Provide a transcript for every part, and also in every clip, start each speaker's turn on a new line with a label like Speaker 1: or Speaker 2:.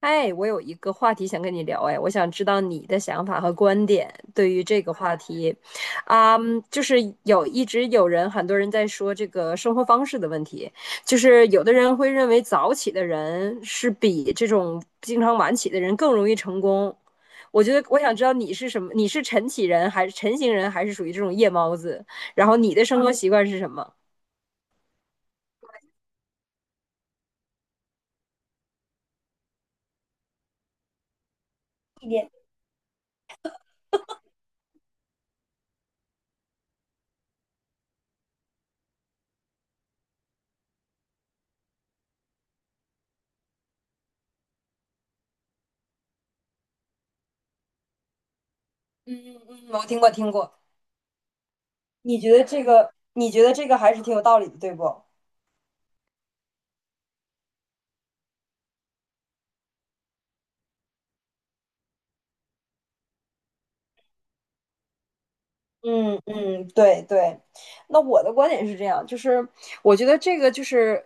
Speaker 1: 哎，我有一个话题想跟你聊，哎，我想知道你的想法和观点对于这个话题。啊、就是一直有人，很多人在说这个生活方式的问题。就是有的人会认为早起的人是比这种经常晚起的人更容易成功。我觉得我想知道你是什么，你是晨起人还是晨型人，还是属于这种夜猫子？然后你的生活习惯是什么？嗯，我听过听过。你觉得这个还是挺有道理的，对不？嗯嗯，对对。那我的观点是这样，就是我觉得这个就是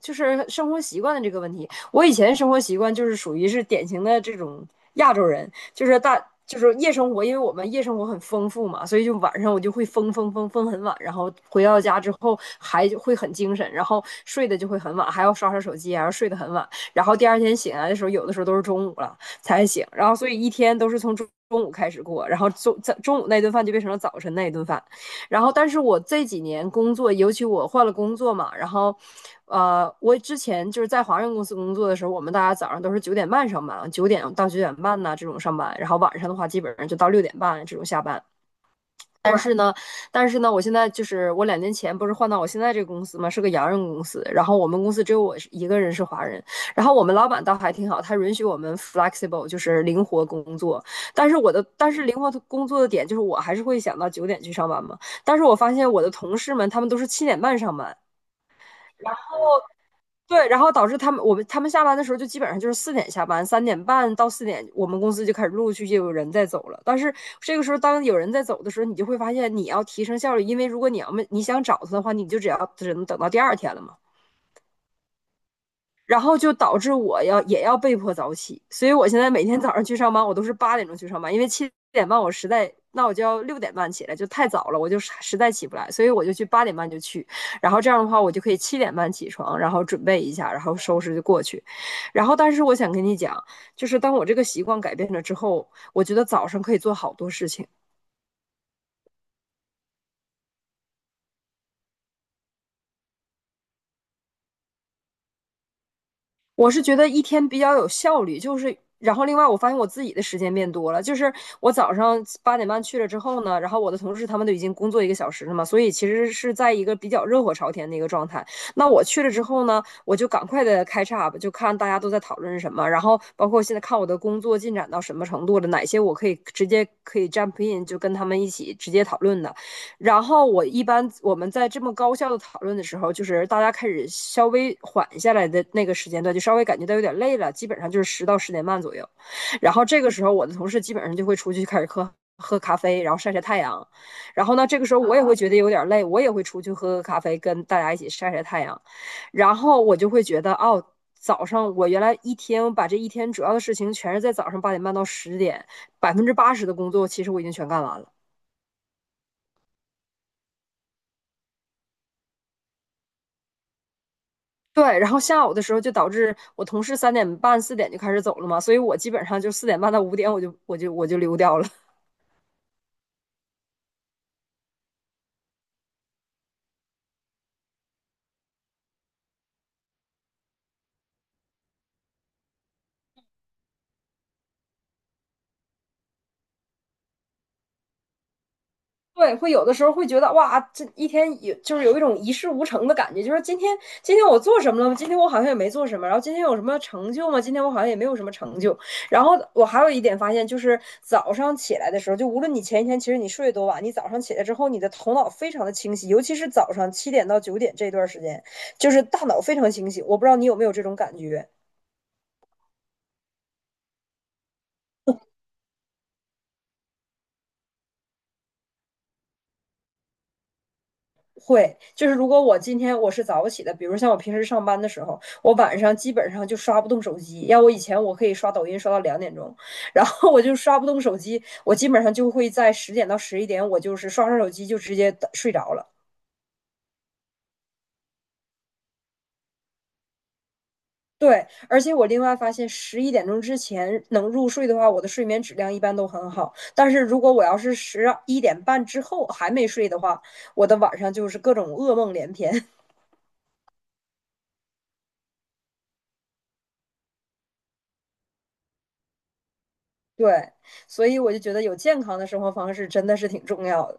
Speaker 1: 就是生活习惯的这个问题。我以前生活习惯就是属于是典型的这种亚洲人，就是就是夜生活。因为我们夜生活很丰富嘛，所以就晚上我就会疯疯疯疯很晚，然后回到家之后还就会很精神，然后睡的就会很晚，还要刷刷手机，还要睡得很晚，然后第二天醒来的时候，有的时候都是中午了。才行。然后所以一天都是从中午开始过，然后在中午那顿饭就变成了早晨那一顿饭。然后但是我这几年工作，尤其我换了工作嘛。然后我之前就是在华润公司工作的时候，我们大家早上都是九点半上班，9点到9点半这种上班，然后晚上的话基本上就到六点半这种下班。但是呢，但是呢，我现在就是我2年前不是换到我现在这个公司嘛，是个洋人公司。然后我们公司只有我一个人是华人，然后我们老板倒还挺好，他允许我们 flexible，就是灵活工作。但是灵活工作的点就是我还是会想到九点去上班嘛。但是我发现我的同事们，他们都是七点半上班，对，然后导致他们下班的时候就基本上就是四点下班，3点半到4点，我们公司就开始陆陆续续有人在走了。但是这个时候，当有人在走的时候，你就会发现你要提升效率，因为如果你要么你想找他的话，你就只能等到第二天了嘛。然后就导致也要被迫早起，所以我现在每天早上去上班，我都是8点钟去上班，因为七点半我实在，那我就要六点半起来，就太早了，我就实在起不来，所以我就去八点半就去，然后这样的话我就可以七点半起床，然后准备一下，然后收拾就过去。然后，但是我想跟你讲，就是当我这个习惯改变了之后，我觉得早上可以做好多事情。我是觉得一天比较有效率，就是然后另外我发现我自己的时间变多了，就是我早上八点半去了之后呢，然后我的同事他们都已经工作1个小时了嘛，所以其实是在一个比较热火朝天的一个状态。那我去了之后呢，我就赶快的开叉吧，就看大家都在讨论什么，然后包括现在看我的工作进展到什么程度了，哪些我可以直接可以 jump in 就跟他们一起直接讨论的。然后我一般我们在这么高效的讨论的时候，就是大家开始稍微缓下来的那个时间段，就稍微感觉到有点累了，基本上就是10到10点半左右。然后这个时候，我的同事基本上就会出去开始喝喝咖啡，然后晒晒太阳。然后呢，这个时候我也会觉得有点累，我也会出去喝喝咖啡，跟大家一起晒晒太阳。然后我就会觉得，哦。早上我原来一天，我把这一天主要的事情全是在早上8点半到10点，80%的工作其实我已经全干完了。对，然后下午的时候就导致我同事3点半、4点就开始走了嘛，所以我基本上就4点半到5点我就溜掉了。对，会有的时候会觉得哇，这一天就是有一种一事无成的感觉，就是今天我做什么了吗？今天我好像也没做什么，然后今天有什么成就吗？今天我好像也没有什么成就。然后我还有一点发现，就是早上起来的时候，就无论你前一天其实你睡得多晚，你早上起来之后，你的头脑非常的清晰，尤其是早上七点到九点这段时间，就是大脑非常清晰。我不知道你有没有这种感觉。会，就是如果我今天我是早起的，比如像我平时上班的时候，我晚上基本上就刷不动手机。要我以前我可以刷抖音刷到2点钟，然后我就刷不动手机，我基本上就会在10点到11点，我就是刷刷手机就直接睡着了。对，而且我另外发现，11点钟之前能入睡的话，我的睡眠质量一般都很好。但是如果我要是11点半之后还没睡的话，我的晚上就是各种噩梦连篇。对，所以我就觉得有健康的生活方式真的是挺重要的。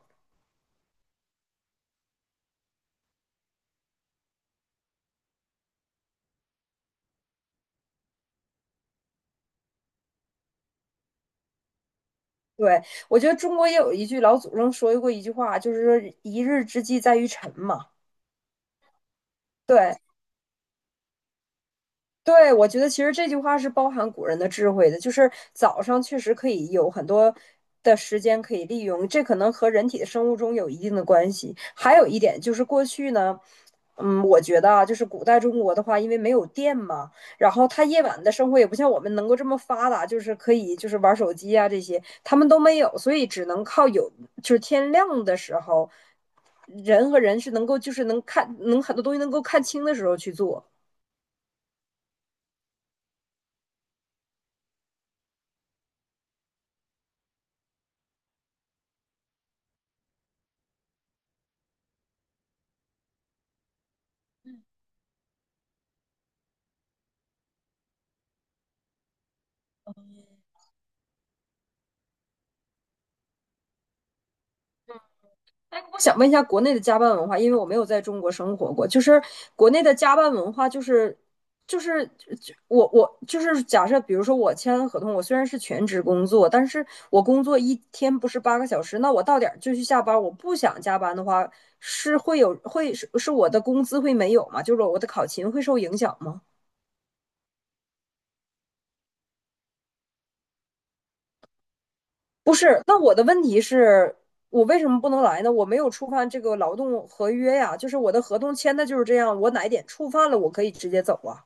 Speaker 1: 对，我觉得中国也有一句老祖宗说过一句话，就是说一日之计在于晨嘛。对，对，我觉得其实这句话是包含古人的智慧的，就是早上确实可以有很多的时间可以利用，这可能和人体的生物钟有一定的关系。还有一点就是过去呢，我觉得啊，就是古代中国的话，因为没有电嘛，然后他夜晚的生活也不像我们能够这么发达，就是可以玩手机啊这些，他们都没有，所以只能靠有，就是天亮的时候，人和人是能够就是能看能很多东西能够看清的时候去做。我想问一下国内的加班文化，因为我没有在中国生活过。就是国内的加班文化、就是就我就是假设，比如说我签了合同，我虽然是全职工作，但是我工作一天不是8个小时，那我到点儿就去下班，我不想加班的话，是会有会是是我的工资会没有吗？就是我的考勤会受影响吗？不是，那我的问题是。我为什么不能来呢？我没有触犯这个劳动合约呀，就是我的合同签的就是这样，我哪一点触犯了，我可以直接走啊。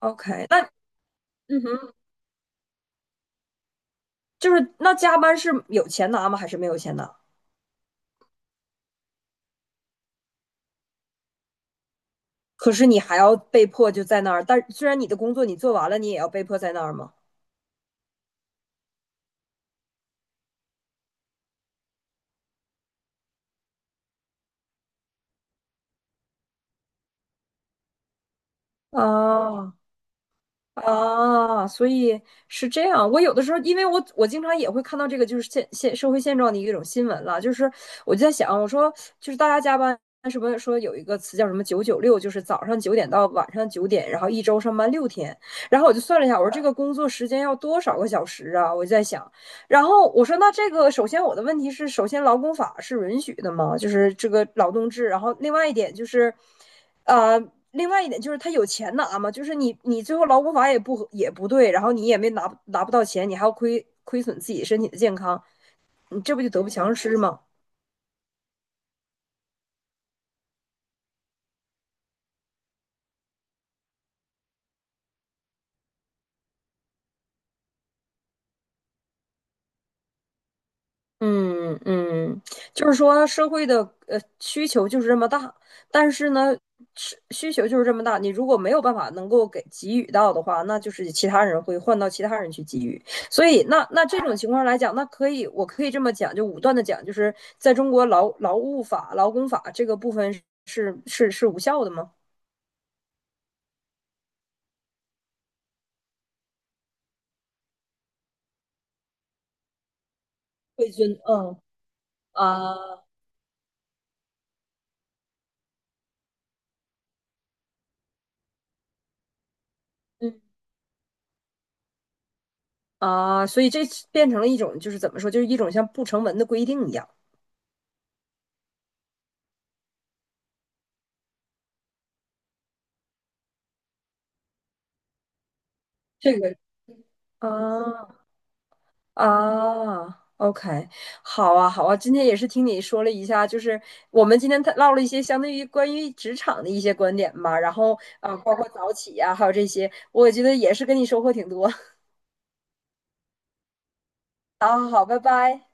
Speaker 1: OK，嗯哼。就是那加班是有钱拿吗？还是没有钱拿？可是你还要被迫就在那儿，但虽然你的工作你做完了，你也要被迫在那儿吗？啊，啊，所以是这样。我有的时候，因为我经常也会看到这个，就是现社会现状的一种新闻了。就是我就在想，我说就是大家加班是不是说有一个词叫什么“996”，就是早上9点到晚上9点，然后一周上班6天。然后我就算了一下，我说这个工作时间要多少个小时啊？我就在想，然后我说那这个首先我的问题是，首先劳工法是允许的吗？就是这个劳动制。然后另外一点就是。呃，另外一点就是他有钱拿嘛，就是你最后劳工法也不对，然后你也没拿不到钱，你还要亏损自己身体的健康，你这不就得不偿失吗？嗯嗯，就是说社会的需求就是这么大，但是呢，是需求就是这么大，你如果没有办法能够给予到的话，那就是其他人会换到其他人去给予。所以那这种情况来讲，那我可以这么讲，就武断的讲，就是在中国劳务法、劳工法这个部分是无效的吗？会遵嗯啊嗯啊，所以这变成了一种就是怎么说，就是一种像不成文的规定一样。这个啊。啊，OK，好啊，好啊，今天也是听你说了一下，就是我们今天探唠了一些相对于关于职场的一些观点吧，然后啊，包括早起呀、还有这些，我觉得也是跟你收获挺多。好好好，拜拜。